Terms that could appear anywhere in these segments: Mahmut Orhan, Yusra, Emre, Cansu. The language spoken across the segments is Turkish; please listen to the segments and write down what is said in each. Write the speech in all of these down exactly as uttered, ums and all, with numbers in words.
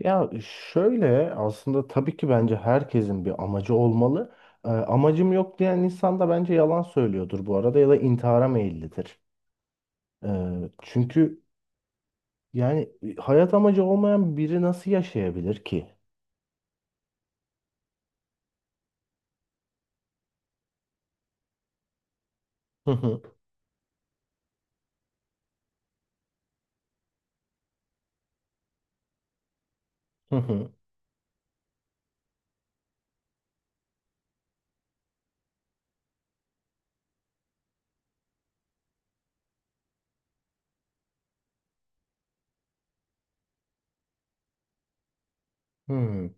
Ya şöyle aslında tabii ki bence herkesin bir amacı olmalı. Ee, amacım yok diyen insan da bence yalan söylüyordur bu arada ya da intihara meyillidir. Ee, çünkü yani hayat amacı olmayan biri nasıl yaşayabilir ki? Hı hı, hı hı, hı hı,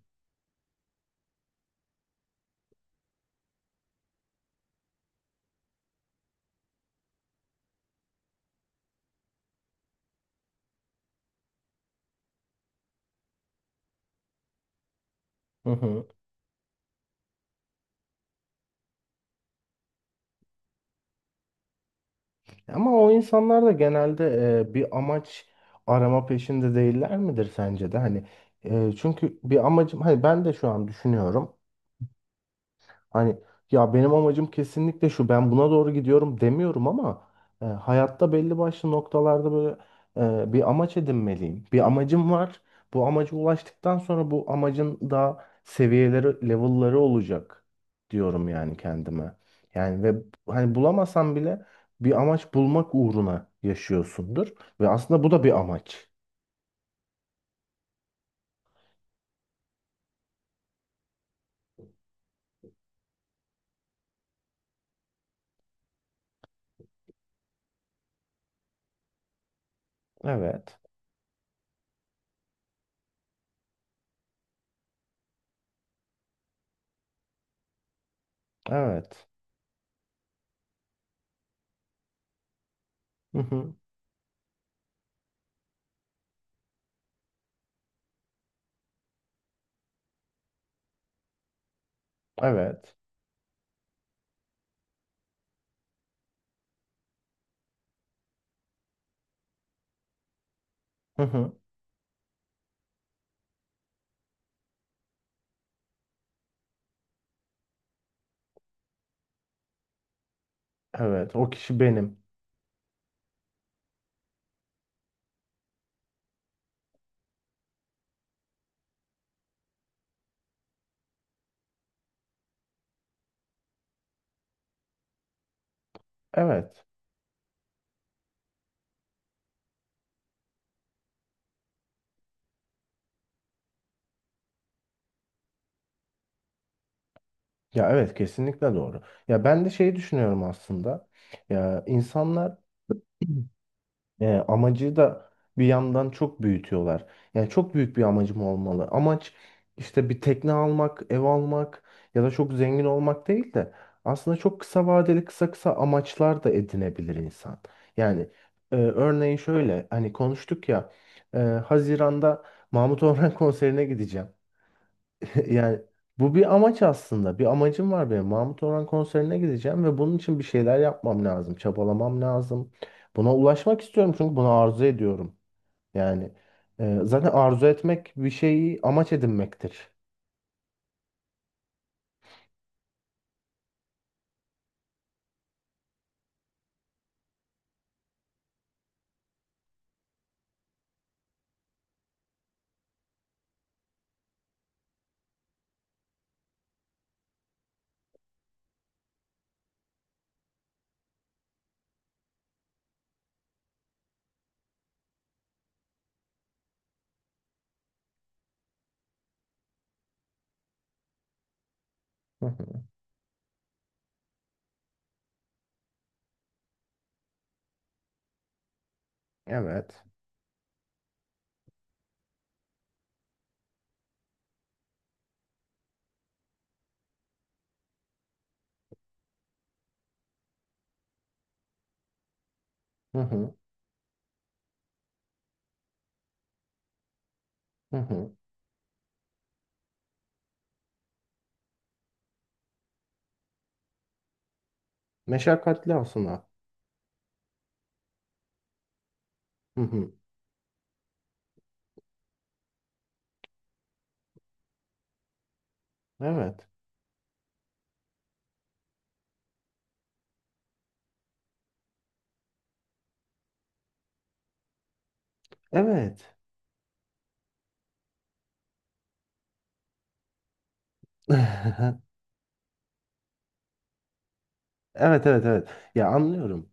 hı hı. Ama o insanlar da genelde e, bir amaç arama peşinde değiller midir sence de? Hani e, çünkü bir amacım hani ben de şu an düşünüyorum. Hani ya benim amacım kesinlikle şu, ben buna doğru gidiyorum demiyorum ama e, hayatta belli başlı noktalarda böyle e, bir amaç edinmeliyim. Bir amacım var. Bu amaca ulaştıktan sonra bu amacın daha seviyeleri, level'ları olacak diyorum yani kendime. Yani ve hani bulamasan bile bir amaç bulmak uğruna yaşıyorsundur ve aslında bu da bir amaç. Evet. Evet. Hı hı. Evet. Hı hı. Evet. O kişi benim. Evet. Ya evet, kesinlikle doğru. Ya ben de şeyi düşünüyorum aslında. Ya insanlar e, amacı da bir yandan çok büyütüyorlar. Yani çok büyük bir amacım olmalı. Amaç işte bir tekne almak, ev almak ya da çok zengin olmak değil de aslında çok kısa vadeli kısa kısa amaçlar da edinebilir insan. Yani e, örneğin şöyle hani konuştuk ya, e, Haziran'da Mahmut Orhan konserine gideceğim. Yani bu bir amaç aslında. Bir amacım var benim. Mahmut Orhan konserine gideceğim ve bunun için bir şeyler yapmam lazım. Çabalamam lazım. Buna ulaşmak istiyorum çünkü bunu arzu ediyorum. Yani e, zaten arzu etmek bir şeyi amaç edinmektir. Hı hı. Evet. Hı hı. Hı hı. Meşakkatli aslında. Hı hı. Evet. Evet. Evet, evet, evet. Ya anlıyorum.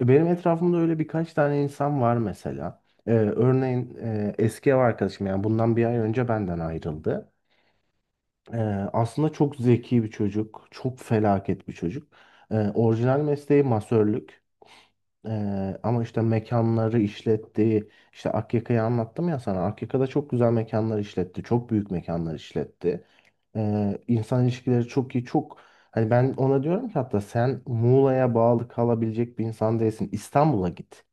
Benim etrafımda öyle birkaç tane insan var mesela. Ee, örneğin e, eski ev arkadaşım yani bundan bir ay önce benden ayrıldı. Ee, Aslında çok zeki bir çocuk, çok felaket bir çocuk. Ee, orijinal mesleği masörlük. Ee, ama işte mekanları işletti. İşte Akyaka'yı anlattım ya sana. Akyaka'da çok güzel mekanlar işletti. Çok büyük mekanlar işletti. Ee, insan ilişkileri çok iyi, çok. Hani ben ona diyorum ki hatta sen Muğla'ya bağlı kalabilecek bir insan değilsin. İstanbul'a git.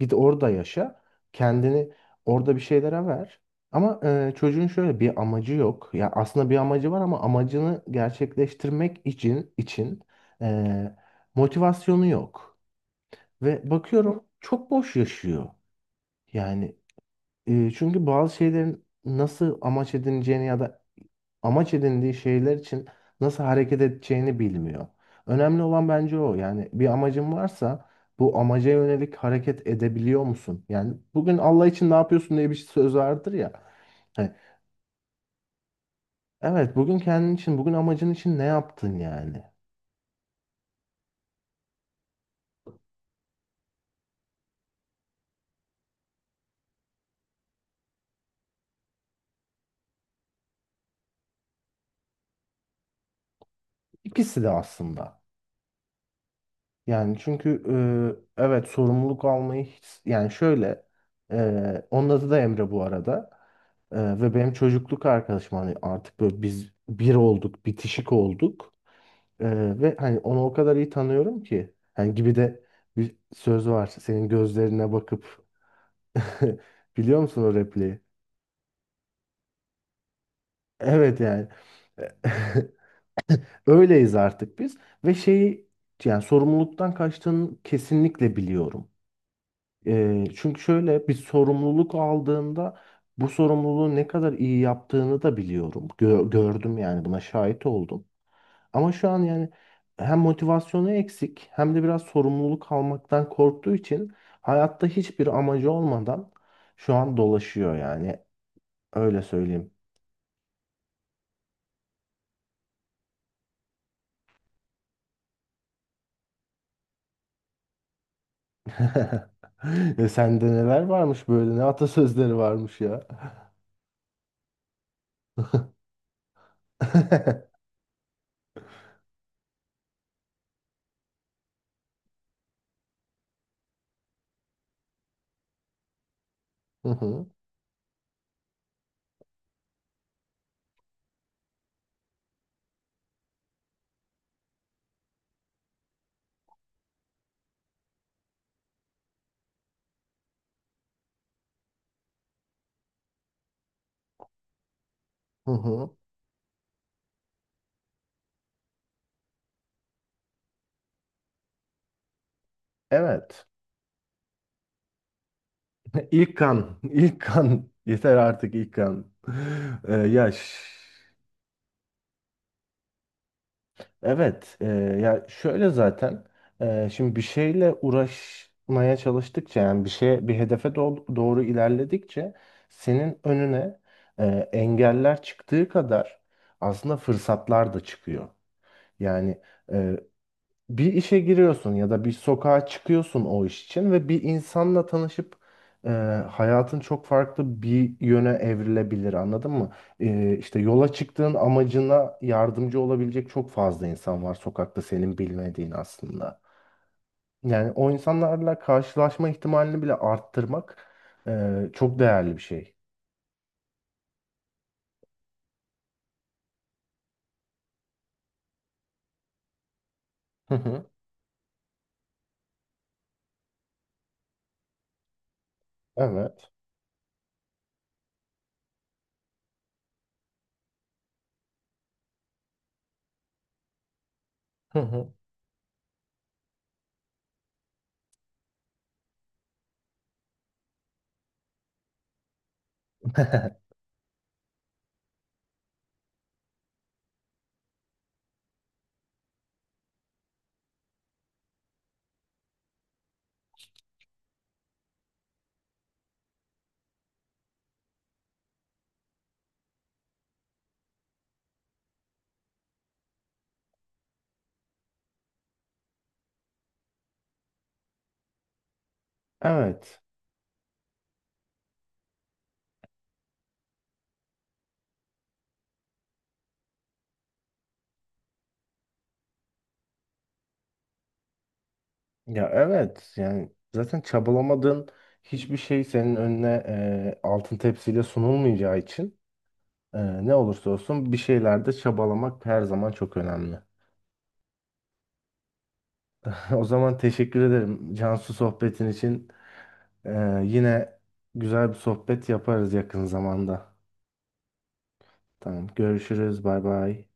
Git orada yaşa. Kendini orada bir şeylere ver. Ama e, çocuğun şöyle bir amacı yok. Ya aslında bir amacı var ama amacını gerçekleştirmek için için e, motivasyonu yok. Ve bakıyorum çok boş yaşıyor. Yani e, çünkü bazı şeylerin nasıl amaç edineceğini ya da amaç edindiği şeyler için nasıl hareket edeceğini bilmiyor. Önemli olan bence o. Yani bir amacın varsa bu amaca yönelik hareket edebiliyor musun? Yani bugün Allah için ne yapıyorsun diye bir şey, söz vardır ya. Hani, evet, bugün kendin için, bugün amacın için ne yaptın yani? İkisi de aslında. Yani çünkü e, evet, sorumluluk almayı hiç, yani şöyle, e, onun adı da Emre bu arada. E, ve benim çocukluk arkadaşım, hani artık böyle biz bir olduk, bitişik olduk. E, Ve hani onu o kadar iyi tanıyorum ki, hani gibi de bir söz var, senin gözlerine bakıp biliyor musun o repliği? Evet yani öyleyiz artık biz ve şeyi, yani sorumluluktan kaçtığını kesinlikle biliyorum. Eee, çünkü şöyle bir sorumluluk aldığında bu sorumluluğu ne kadar iyi yaptığını da biliyorum. Gö- gördüm yani, buna şahit oldum. Ama şu an yani hem motivasyonu eksik hem de biraz sorumluluk almaktan korktuğu için hayatta hiçbir amacı olmadan şu an dolaşıyor yani. Öyle söyleyeyim. E, sende neler varmış böyle, ne atasözleri varmış ya. Hı hı, hı hı. Evet. İlk kan, ilk kan. Yeter artık ilk kan. Ee, ya ş- evet, e, ya şöyle zaten e, şimdi bir şeyle uğraşmaya çalıştıkça, yani bir şeye bir hedefe do- doğru ilerledikçe senin önüne e, engeller çıktığı kadar aslında fırsatlar da çıkıyor. Yani e, bir işe giriyorsun ya da bir sokağa çıkıyorsun o iş için ve bir insanla tanışıp e, hayatın çok farklı bir yöne evrilebilir, anladın mı? E, işte yola çıktığın amacına yardımcı olabilecek çok fazla insan var sokakta, senin bilmediğin aslında. Yani o insanlarla karşılaşma ihtimalini bile arttırmak e, çok değerli bir şey. Hı hı. Evet. Hı hı. Evet. Ya evet, yani zaten çabalamadığın hiçbir şey senin önüne e, altın tepsiyle sunulmayacağı için e, ne olursa olsun bir şeylerde çabalamak her zaman çok önemli. O zaman teşekkür ederim Cansu, sohbetin için. E, Yine güzel bir sohbet yaparız yakın zamanda. Tamam, görüşürüz, bay bay.